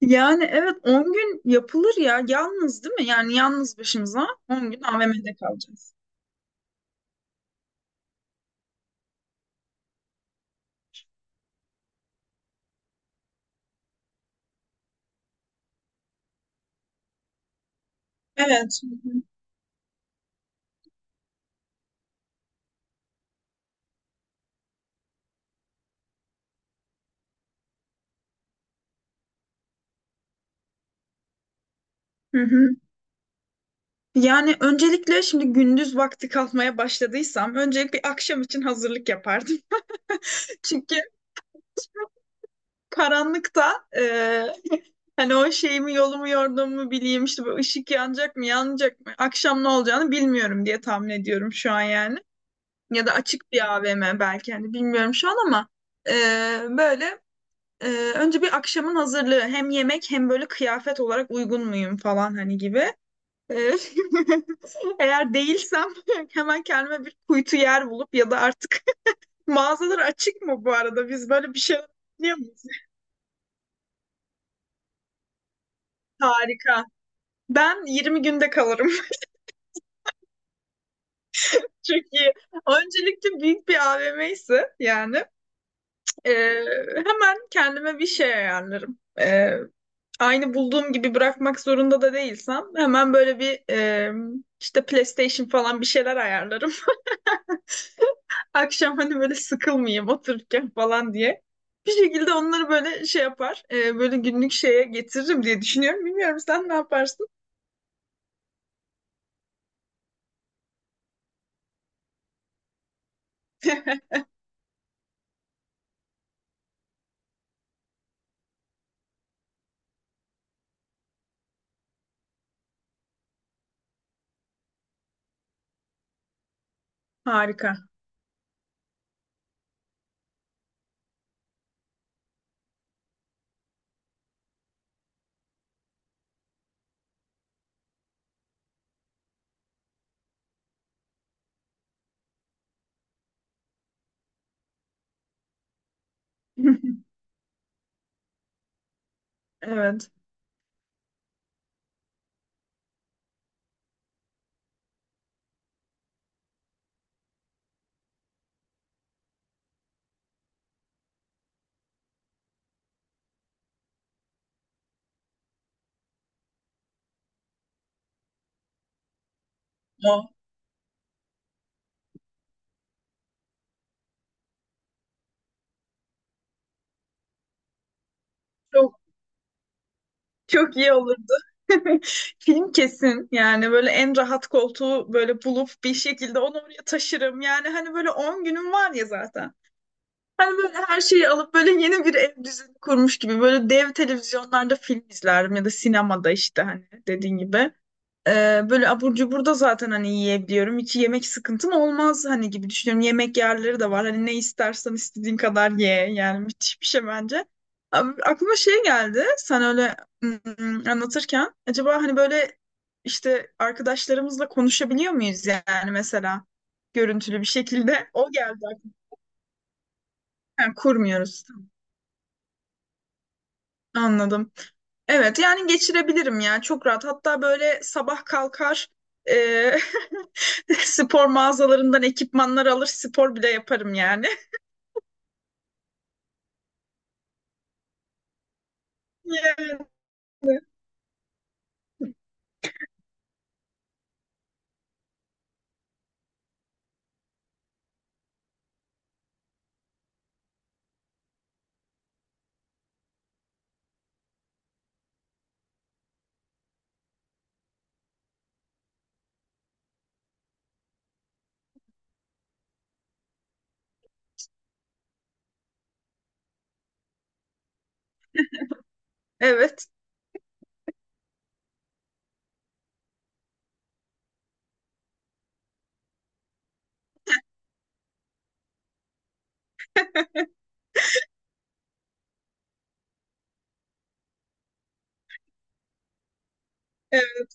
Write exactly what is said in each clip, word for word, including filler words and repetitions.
Yani evet on gün yapılır ya. Yalnız değil mi? Yani yalnız başımıza on gün A V M'de kalacağız. Evet. Hı hı. Hı hı. Yani öncelikle şimdi gündüz vakti kalkmaya başladıysam öncelik bir akşam için hazırlık yapardım. Çünkü karanlıkta e, hani o şeyimi yolumu yorduğumu bileyim işte bu ışık yanacak mı yanmayacak mı akşam ne olacağını bilmiyorum diye tahmin ediyorum şu an yani. Ya da açık bir A V M belki hani bilmiyorum şu an ama e, böyle, Ee, önce bir akşamın hazırlığı, hem yemek hem böyle kıyafet olarak uygun muyum falan hani gibi. Ee, Eğer değilsem hemen kendime bir kuytu yer bulup, ya da artık mağazalar açık mı bu arada? Biz böyle bir şey biliyor muyuz? Harika. Ben yirmi günde kalırım. Çünkü öncelikle büyük bir A V M ise yani. Ee, Hemen kendime bir şey ayarlarım. Ee, aynı bulduğum gibi bırakmak zorunda da değilsem, hemen böyle bir e, işte PlayStation falan bir şeyler ayarlarım. Akşam hani böyle sıkılmayayım otururken falan diye. Bir şekilde onları böyle şey yapar, e, böyle günlük şeye getiririm diye düşünüyorum. Bilmiyorum, sen ne yaparsın? Harika. Evet. O. Çok iyi olurdu. Film kesin, yani böyle en rahat koltuğu böyle bulup bir şekilde onu oraya taşırım. Yani hani böyle on günüm var ya zaten. Hani böyle her şeyi alıp böyle yeni bir ev düzeni kurmuş gibi böyle dev televizyonlarda film izlerim, ya da sinemada işte hani dediğin gibi. Ee, böyle abur cubur da zaten hani yiyebiliyorum. Hiç yemek sıkıntım olmaz hani gibi düşünüyorum. Yemek yerleri de var. Hani ne istersen istediğin kadar ye. Yani müthiş bir şey bence. Abi, aklıma şey geldi. Sen öyle mm, anlatırken acaba hani böyle işte arkadaşlarımızla konuşabiliyor muyuz, yani mesela görüntülü bir şekilde? O geldi aklıma. Yani kurmuyoruz. Tamam, anladım. Evet, yani geçirebilirim ya, çok rahat. Hatta böyle sabah kalkar, e, spor mağazalarından ekipmanlar alır, spor bile yaparım yani. Yani evet, evet.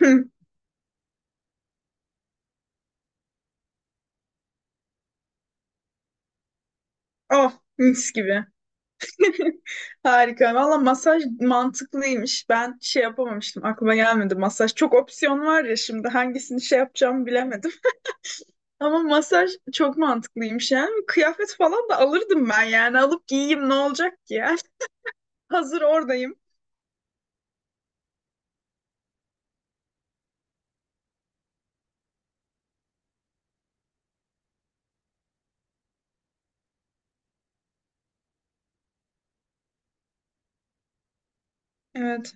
Oh, mis gibi. Harika. Valla masaj mantıklıymış. Ben şey yapamamıştım. Aklıma gelmedi masaj. Çok opsiyon var ya, şimdi hangisini şey yapacağımı bilemedim. Ama masaj çok mantıklıymış yani. Kıyafet falan da alırdım ben yani. Alıp giyeyim, ne olacak ki ya? Hazır oradayım. Evet.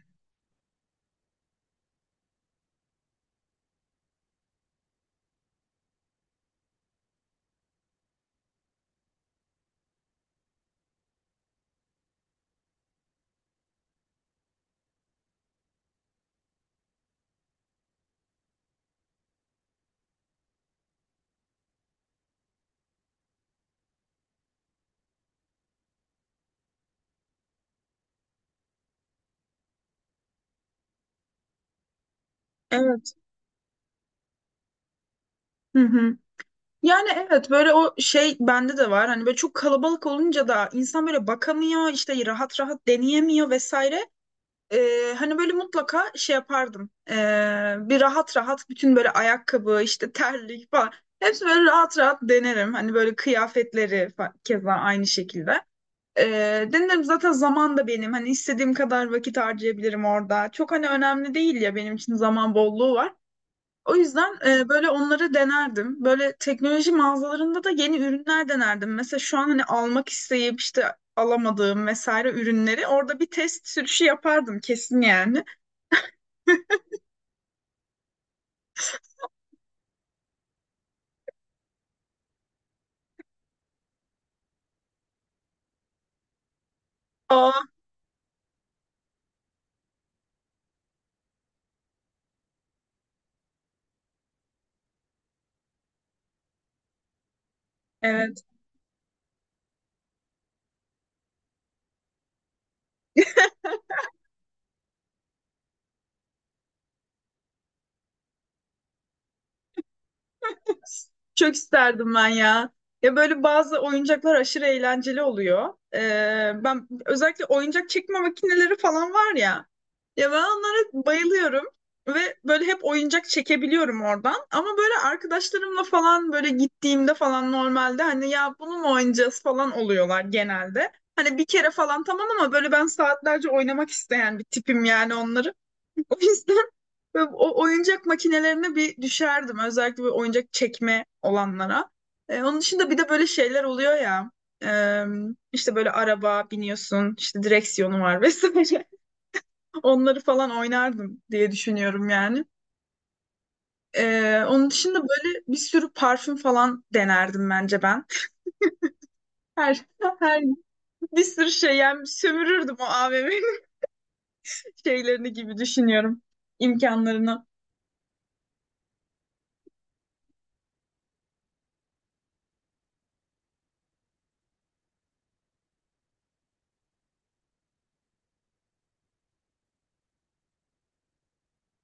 Evet. Hı hı. Yani evet, böyle o şey bende de var. Hani böyle çok kalabalık olunca da insan böyle bakamıyor, işte rahat rahat deneyemiyor vesaire. Ee, hani böyle mutlaka şey yapardım. Ee, bir rahat rahat bütün böyle ayakkabı, işte terlik falan. Hepsi böyle rahat rahat denerim. Hani böyle kıyafetleri fa- keza aynı şekilde. Ee, denerim zaten, zaman da benim. Hani istediğim kadar vakit harcayabilirim orada. Çok hani önemli değil ya, benim için zaman bolluğu var. O yüzden e, böyle onları denerdim. Böyle teknoloji mağazalarında da yeni ürünler denerdim. Mesela şu an hani almak isteyip işte alamadığım vesaire ürünleri orada bir test sürüşü yapardım kesin yani. Aa, evet. Çok isterdim ben ya. Ya böyle bazı oyuncaklar aşırı eğlenceli oluyor. Ee, ben özellikle oyuncak çekme makineleri falan var ya. Ya ben onlara bayılıyorum. Ve böyle hep oyuncak çekebiliyorum oradan. Ama böyle arkadaşlarımla falan böyle gittiğimde falan normalde hani, ya bunu mu oynayacağız falan oluyorlar genelde. Hani bir kere falan tamam, ama böyle ben saatlerce oynamak isteyen bir tipim yani onları. O yüzden böyle o oyuncak makinelerine bir düşerdim. Özellikle böyle oyuncak çekme olanlara. E, onun dışında bir de böyle şeyler oluyor ya. E, işte böyle araba biniyorsun, işte direksiyonu var vesaire. Onları falan oynardım diye düşünüyorum yani. E, onun dışında böyle bir sürü parfüm falan denerdim bence ben. Her, her bir sürü şey yani, sömürürdüm o A V M'yi. Şeylerini gibi düşünüyorum. İmkanlarını.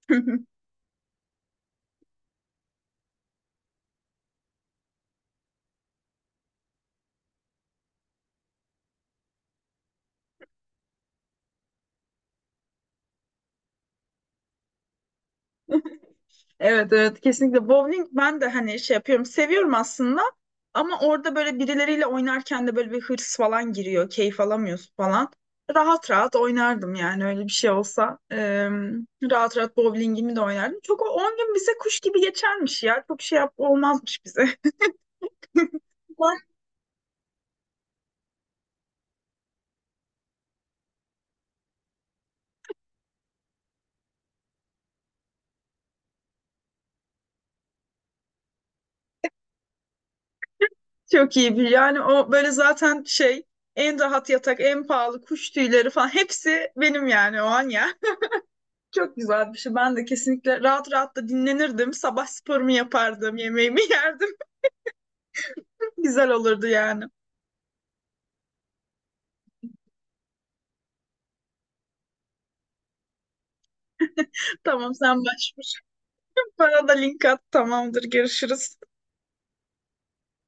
Evet, evet, kesinlikle bowling ben de hani şey yapıyorum, seviyorum aslında, ama orada böyle birileriyle oynarken de böyle bir hırs falan giriyor, keyif alamıyorsun falan. Rahat rahat oynardım yani, öyle bir şey olsa. Eee, rahat rahat bowlingimi de oynardım çok, o on gün bize kuş gibi geçermiş ya, çok şey yap olmazmış bize. Çok iyi bir yani, o böyle zaten şey, en rahat yatak, en pahalı kuş tüyleri falan hepsi benim yani o an. Çok güzel bir şey. Ben de kesinlikle rahat rahat da dinlenirdim. Sabah sporumu yapardım, yemeğimi yerdim. Güzel olurdu yani. Tamam, sen başvur. Bana da link at. Tamamdır, görüşürüz.